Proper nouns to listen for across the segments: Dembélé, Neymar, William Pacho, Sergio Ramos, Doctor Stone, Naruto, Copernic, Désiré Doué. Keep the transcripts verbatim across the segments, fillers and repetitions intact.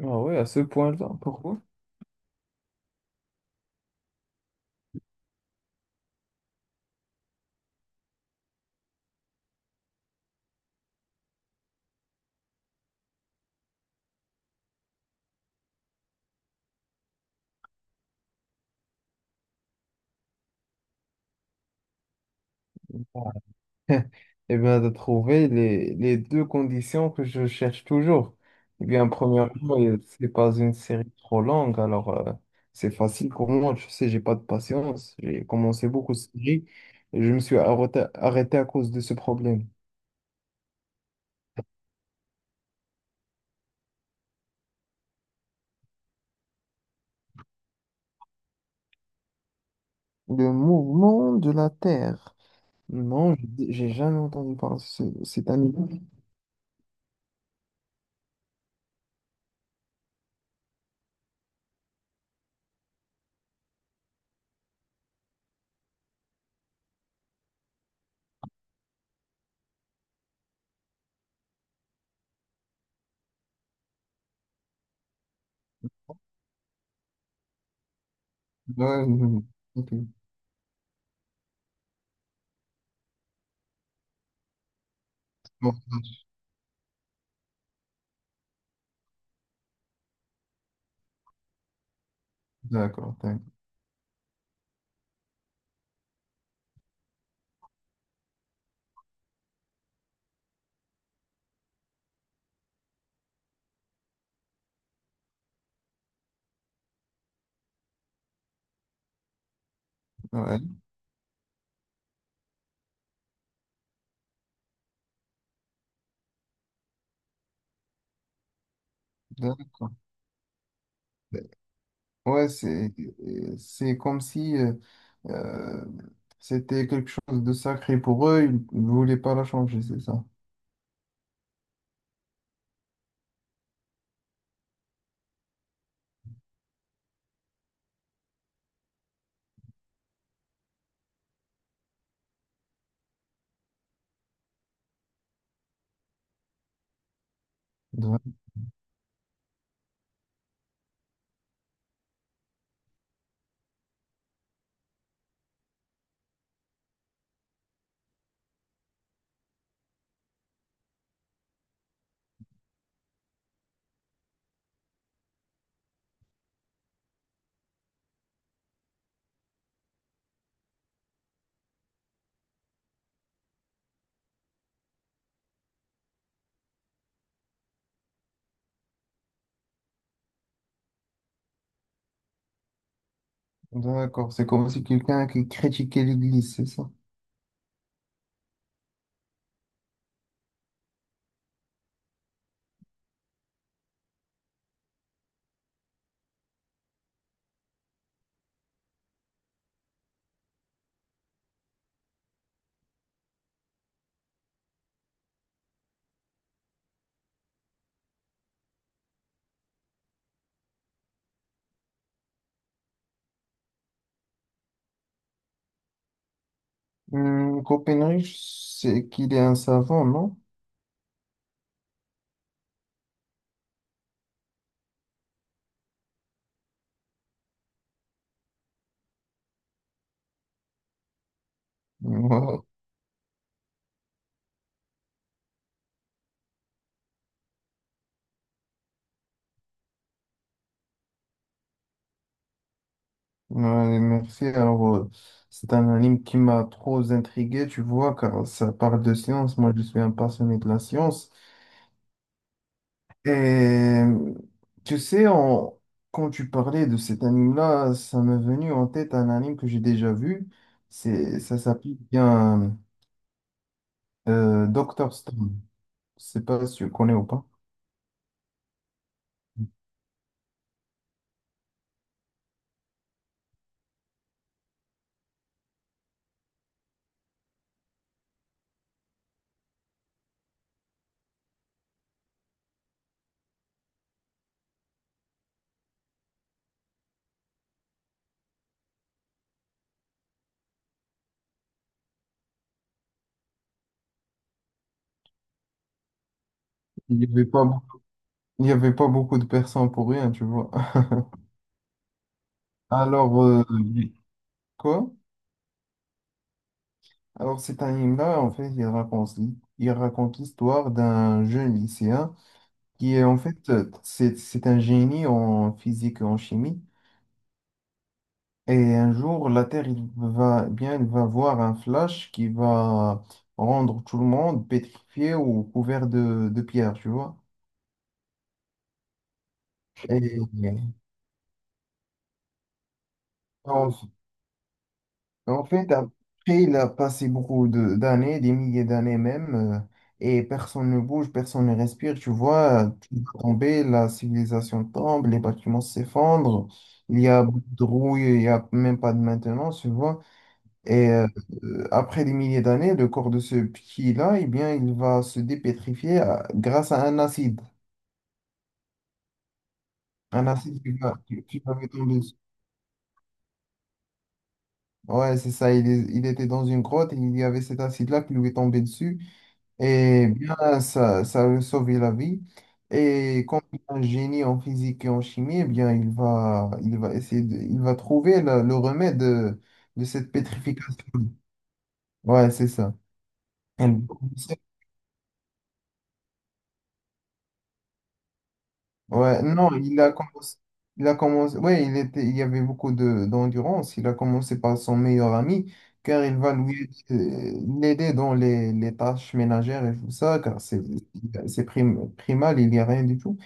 Ah ouais, à ce point-là, pourquoi? Eh bien, de trouver les, les deux conditions que je cherche toujours. Eh bien, premièrement, euh, c'est pas une série trop longue, alors euh, c'est facile pour moi. Je sais, j'ai pas de patience. J'ai commencé beaucoup de séries et je me suis arrêté, arrêté à cause de ce problème. Le mouvement de la Terre. Non, j'ai j'ai jamais entendu parler de ce, cet animal. Ouais, non, ok. Bon, d'accord, d'accord. Ouais, d'accord. Ouais, c'est euh, c'est comme si euh, euh, c'était quelque chose de sacré pour eux, ils ne voulaient pas la changer, c'est ça. D'a- D'accord, c'est comme si quelqu'un qui critiquait l'Église, c'est ça. Hum, Copernic, c'est qu'il est un savant, non? Ouais. Ouais, merci. Alors, euh, c'est un anime qui m'a trop intrigué, tu vois, car ça parle de science. Moi, je suis un passionné de la science. Et tu sais, en- quand tu parlais de cet anime-là, ça m'est venu en tête un anime que j'ai déjà vu. C'est, ça s'appelle bien euh, Doctor Stone. Je sais pas si tu le connais ou pas. Il n'y avait pas Il n'y avait pas beaucoup de personnes pour rien, tu vois. Alors, euh, quoi? Alors, cet anime-là, en fait, il raconte, il raconte l'histoire d'un jeune lycéen qui est, en fait, euh, c'est, c'est un génie en physique et en chimie. Et un jour, la Terre, il va, bien, il va voir un flash qui va rendre tout le monde pétrifié ou couvert de, de pierre, tu vois. Et, en en fait, après, il a passé beaucoup de- d'années, des milliers d'années même, euh, et personne ne bouge, personne ne respire, tu vois, tout va tomber, la civilisation tombe, les bâtiments s'effondrent, il y a beaucoup de rouille, il n'y a même pas de maintenance, tu vois. Et euh, euh, après des milliers d'années, le corps de ce petit-là, eh bien, il va se dépétrifier à- grâce à un acide, un acide qui va, qui, qui va lui tomber dessus. Ouais, c'est ça, il, est- il était dans une grotte et il y avait cet acide-là qui lui est tombé dessus. Et bien, ça, ça lui a sauvé la vie. Et comme il est un génie en physique et en chimie, eh bien, il va, il va essayer de, il va trouver la- le remède de, de cette pétrification. Ouais, c'est ça. Elle- Ouais, non, il a commencé, il a commencé, ouais, il était, il y avait beaucoup de, d'endurance. Il a commencé par son meilleur ami, car il va lui, euh, l'aider dans les, les tâches ménagères et tout ça, car c'est, c'est prim- primal, il n'y a rien du tout.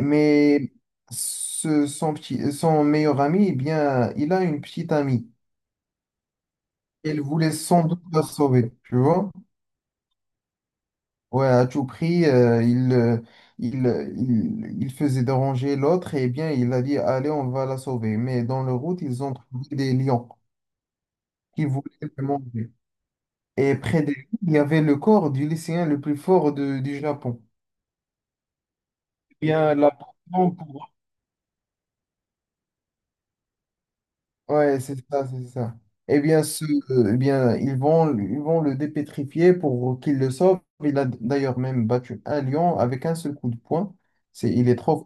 Mais ce- son petit, son meilleur ami, eh bien, il a une petite amie. Elle voulait sans doute la sauver, tu vois? Ouais, à tout prix, euh, il, euh, il, euh, il, il faisait déranger l'autre et eh bien, il a dit, allez, on va la sauver. Mais dans la route, ils ont trouvé des lions qui voulaient le manger. Et près d'elle, il y avait le corps du lycéen le plus fort de- du Japon. Eh Bien, la Ouais, c'est ça, c'est ça. Eh bien, ce, euh, eh bien, ils vont, ils vont le dépétrifier pour qu'il le sauve. Il a d'ailleurs même battu un lion avec un seul coup de poing. C'est, il est trop.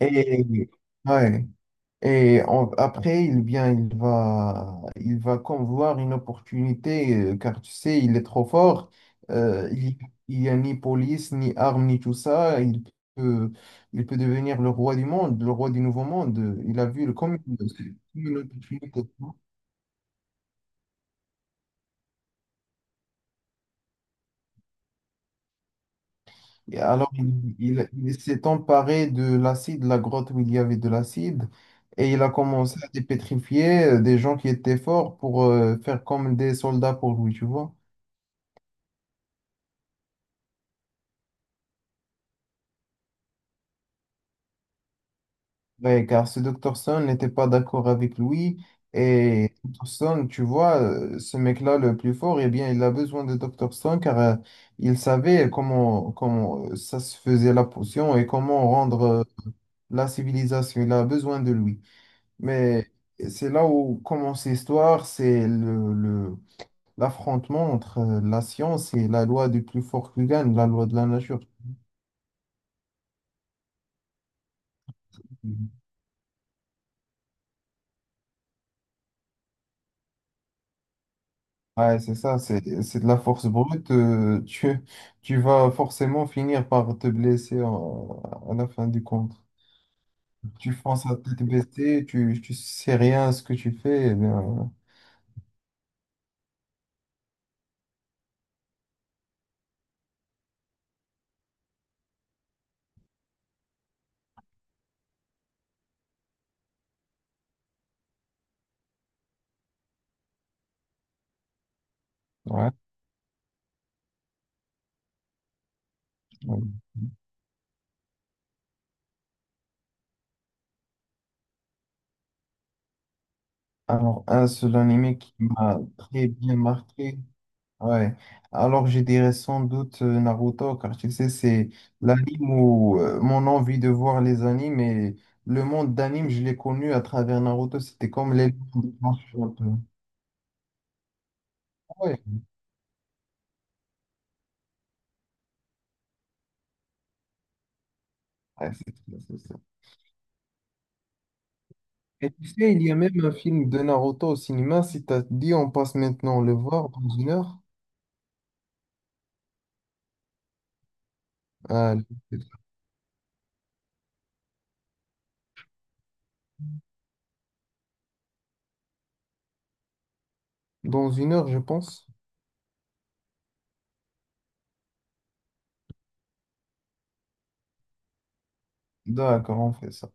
Et, ouais. Et en- après, il vient, il va, il va comme voir une opportunité, euh, car tu sais, il est trop fort. Euh, il il n'y a ni police, ni armes, ni tout ça. Il peut, il peut devenir le roi du monde, le roi du nouveau monde. Il a vu le, comme une comme une opportunité. Et alors, il, il- il s'est emparé de l'acide, la grotte où il y avait de l'acide, et il a commencé à dépétrifier euh, des gens qui étaient forts pour euh, faire comme des soldats pour lui, tu vois. Ouais, car ce Docteur Stone n'était pas d'accord avec lui, et Docteur Stone, tu vois, euh, ce mec-là le plus fort, eh bien, il a besoin de Docteur Stone car euh, il savait comment, comment euh, ça se faisait la potion et comment rendre euh, la civilisation. Il a besoin de lui. Mais c'est là où commence l'histoire, c'est le, le- l'affrontement entre euh, la science et la loi du plus fort qui gagne, la loi de la nature. Mhm. Ouais, c'est ça, c'est, c'est de la force brute. Euh, tu, tu vas forcément finir par te blesser en- à la fin du compte. Tu penses à tête baissée, tu, tu sais rien à ce que tu fais. Eh bien, ouais. Mhm. Alors, un seul animé qui m'a très bien marqué. Ouais. Alors je dirais sans doute euh, Naruto, car tu sais, c'est. Mhm. L'anime où euh, mon envie de voir les animes et le monde d'anime, je l'ai connu à travers Naruto. C'était comme les... Ouais, ouais, c'est ça, c'est ça. Et tu sais, il y a même un film de Naruto au cinéma. Si t'as dit, on passe maintenant le voir dans une heure. Euh, dans une heure, je pense. D'accord, on fait ça.